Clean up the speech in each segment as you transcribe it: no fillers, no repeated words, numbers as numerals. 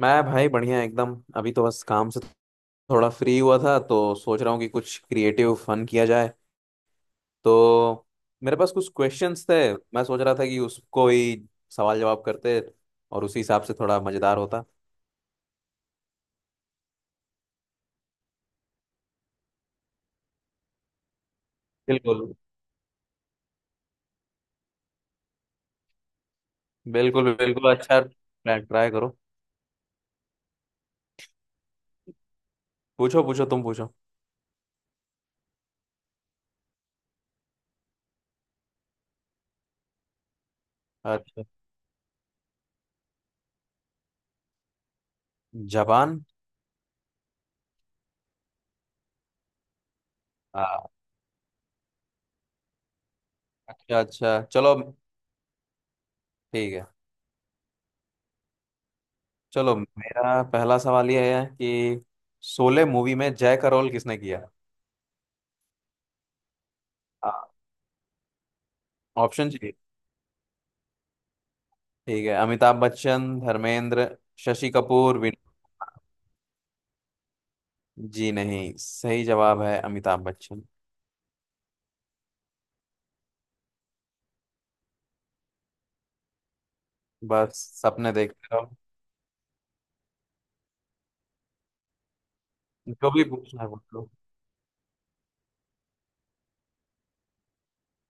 मैं भाई बढ़िया एकदम। अभी तो बस काम से थोड़ा फ्री हुआ था तो सोच रहा हूँ कि कुछ क्रिएटिव फन किया जाए। तो मेरे पास कुछ क्वेश्चंस थे। मैं सोच रहा था कि उसको ही सवाल जवाब करते और उसी हिसाब से थोड़ा मजेदार होता। बिल्कुल बिल्कुल। बिल्कुल अच्छा, ट्राई करो। पूछो पूछो, तुम पूछो। अच्छा, जापान। आ, अच्छा अच्छा, चलो। ठीक है। चलो, मेरा पहला सवाल ये है कि शोले मूवी में जय का रोल किसने किया। ऑप्शन चाहिए? ठीक है, अमिताभ बच्चन, धर्मेंद्र, शशि कपूर, विन। जी नहीं, सही जवाब है अमिताभ बच्चन। बस सपने देखते रहो। जो भी पूछना है पूछ लो।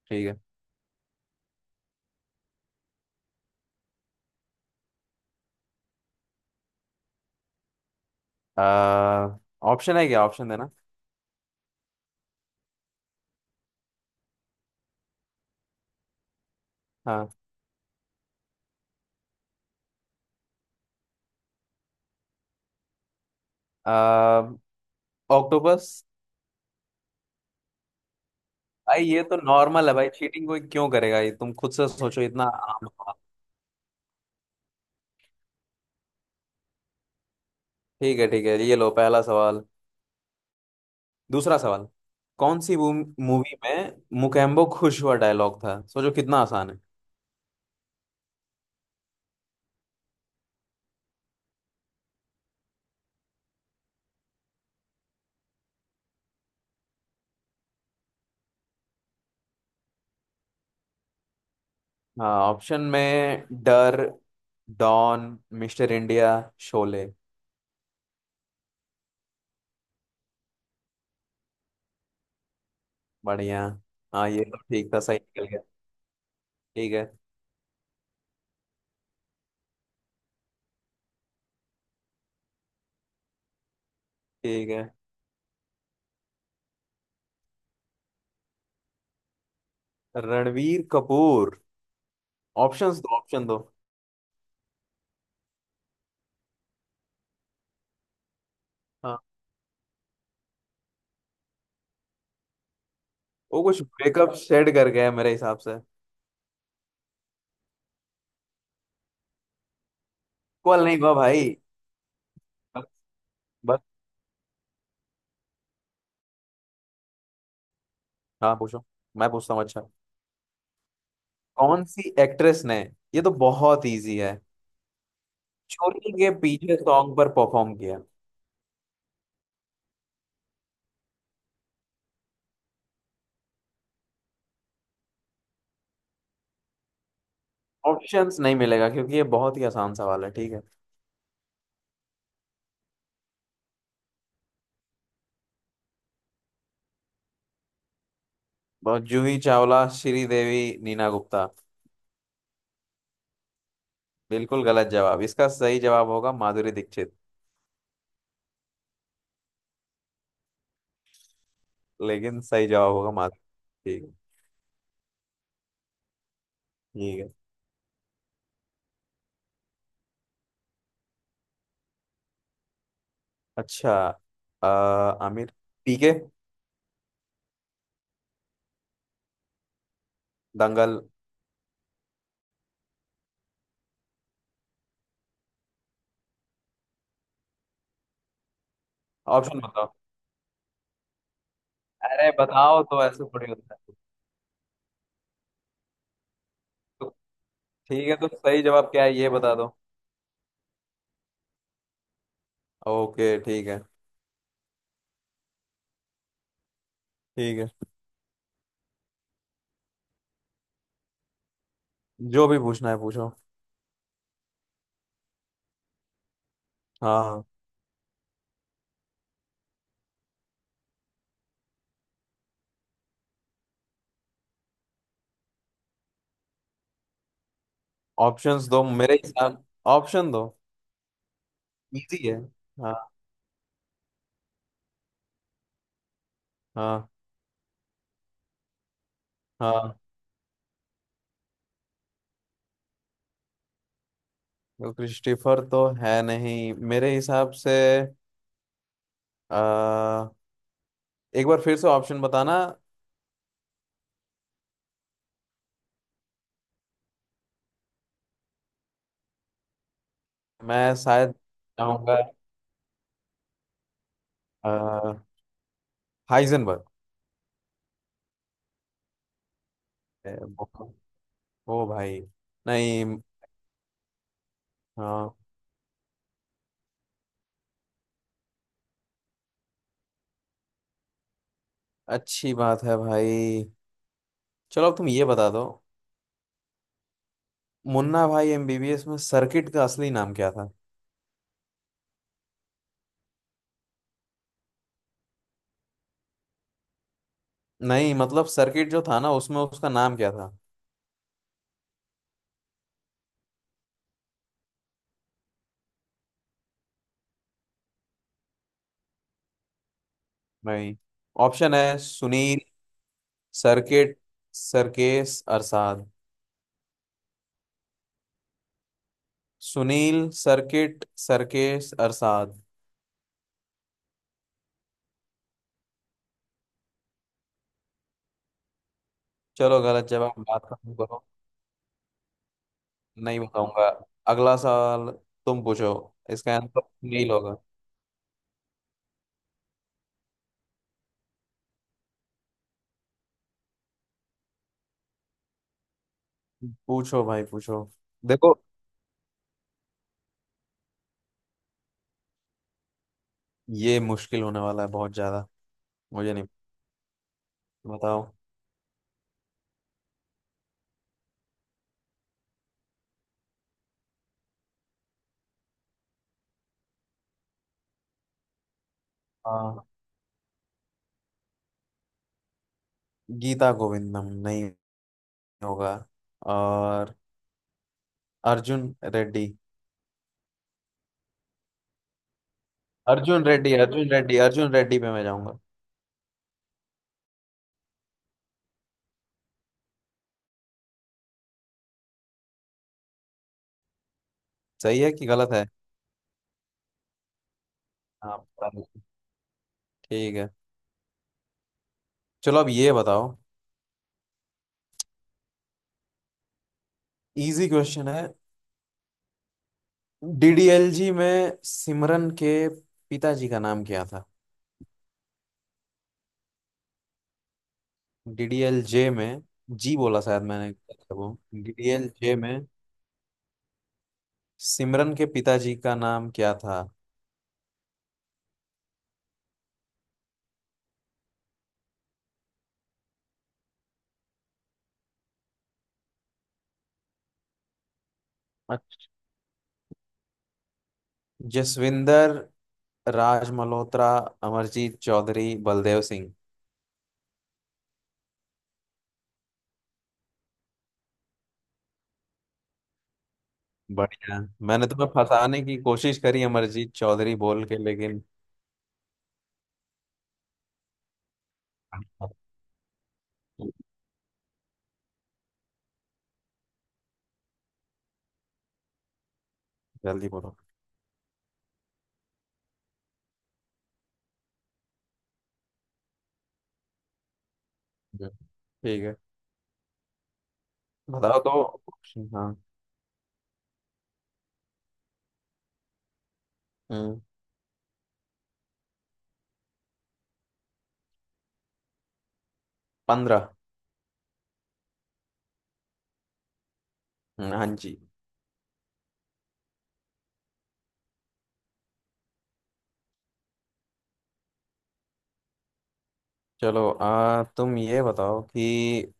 ठीक है। आ, ऑप्शन है क्या? ऑप्शन देना। हाँ। आ, ऑक्टोपस। भाई ये तो नॉर्मल है, भाई चीटिंग कोई क्यों करेगा, ये तुम खुद से सोचो, इतना आम सवाल। ठीक है ठीक है, ये लो पहला सवाल। दूसरा सवाल, कौन सी मूवी में मुकेम्बो खुश हुआ डायलॉग था? सोचो कितना आसान है। हाँ, ऑप्शन में डर, डॉन, मिस्टर इंडिया, शोले। बढ़िया। हाँ ये तो ठीक था, सही निकल गया। ठीक है। ठीक है, रणवीर कपूर। ऑप्शंस दो, ऑप्शन दो। हाँ। वो कुछ ब्रेकअप सेट कर गया है मेरे हिसाब से। इक्वल नहीं हुआ भाई। बस। बस। हाँ पूछो। मैं पूछता हूँ, अच्छा, कौन सी एक्ट्रेस ने, ये तो बहुत इजी है, चोरी के पीछे सॉन्ग पर परफॉर्म किया। ऑप्शंस नहीं मिलेगा क्योंकि ये बहुत ही आसान सवाल है। ठीक है। बहुत- जूही चावला, श्रीदेवी, नीना गुप्ता। बिल्कुल गलत जवाब, इसका सही जवाब होगा माधुरी दीक्षित। लेकिन सही जवाब होगा माधुरी। ठीक। ठीक है। अच्छा। आमिर। पीके। दंगल। ऑप्शन बताओ। अरे बताओ, तो ऐसे थोड़ी होता है। तो ठीक है, तो सही जवाब क्या है ये बता दो। ओके ठीक है। ठीक है। जो भी पूछना है पूछो। हाँ हाँ। ऑप्शंस दो मेरे हिसाब, ऑप्शन दो। इजी है। हाँ। हाँ। हाँ। क्रिस्टीफर तो है नहीं मेरे हिसाब से। आ, एक बार फिर से ऑप्शन बताना। मैं शायद चाहूंगा। अ, हाइजेनबर्ग। ए, वो वो भाई। नहीं। हाँ। अच्छी बात है भाई। चलो अब तुम ये बता दो, मुन्ना भाई एमबीबीएस में सर्किट का असली नाम क्या था। नहीं मतलब सर्किट जो था ना, उसमें उसका नाम क्या था। नहीं, ऑप्शन है सुनील, सर्किट, सरकेश अरसाद। सुनील, सर्किट, सर्केश अरसाद। चलो गलत जवाब, बात खत्म करो। नहीं बताऊंगा। अगला सवाल, तुम पूछो। इसका आंसर सुनील होगा। पूछो भाई पूछो। देखो, ये मुश्किल होने वाला है बहुत ज्यादा। मुझे नहीं। बताओ। आ, गीता गोविंदम नहीं होगा। और अर्जुन रेड्डी। अर्जुन रेड्डी, अर्जुन रेड्डी, अर्जुन रेड्डी पे मैं जाऊंगा। सही है कि गलत है? हाँ पता नहीं। ठीक है। चलो अब ये बताओ, इजी क्वेश्चन है। डीडीएलजी में सिमरन के पिताजी का नाम क्या था? डीडीएलजे में जी बोला शायद मैंने, क्या था वो डीडीएलजे में सिमरन के पिताजी का नाम क्या था? अच्छा, जसविंदर, राज मल्होत्रा, अमरजीत चौधरी, बलदेव सिंह। बढ़िया। मैंने तुम्हें फंसाने की कोशिश करी अमरजीत चौधरी बोल के, लेकिन जल्दी बोलो। ठीक है। बताओ तो ऑप्शन, हाँ। हम्म, पंद्रह। हाँ 15, हाँ जी। चलो आ तुम ये बताओ कि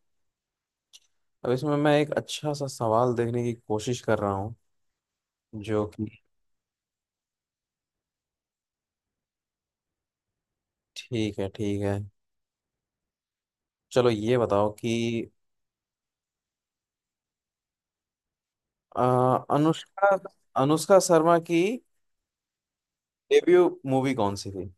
अब इसमें मैं एक अच्छा सा सवाल देखने की कोशिश कर रहा हूँ, जो कि। ठीक है ठीक है। चलो ये बताओ कि अनुष्का, अनुष्का शर्मा की डेब्यू मूवी कौन सी थी।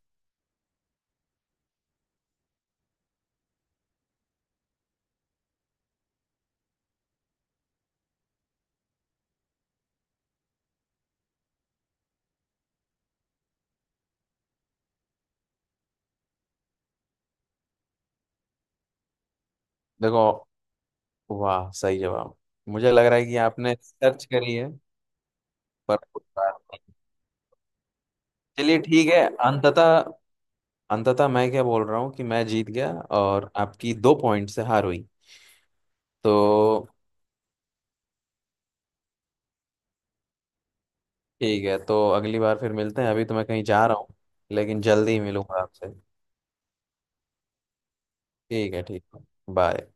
देखो। वाह सही जवाब। मुझे लग रहा है कि आपने सर्च करी है, पर कोई बात नहीं। चलिए ठीक है। अंततः, अंततः मैं क्या बोल रहा हूँ कि मैं जीत गया और आपकी दो पॉइंट से हार हुई। तो ठीक है, तो अगली बार फिर मिलते हैं, अभी तो मैं कहीं जा रहा हूँ। लेकिन जल्दी ही मिलूंगा आपसे। ठीक है ठीक है। बाय।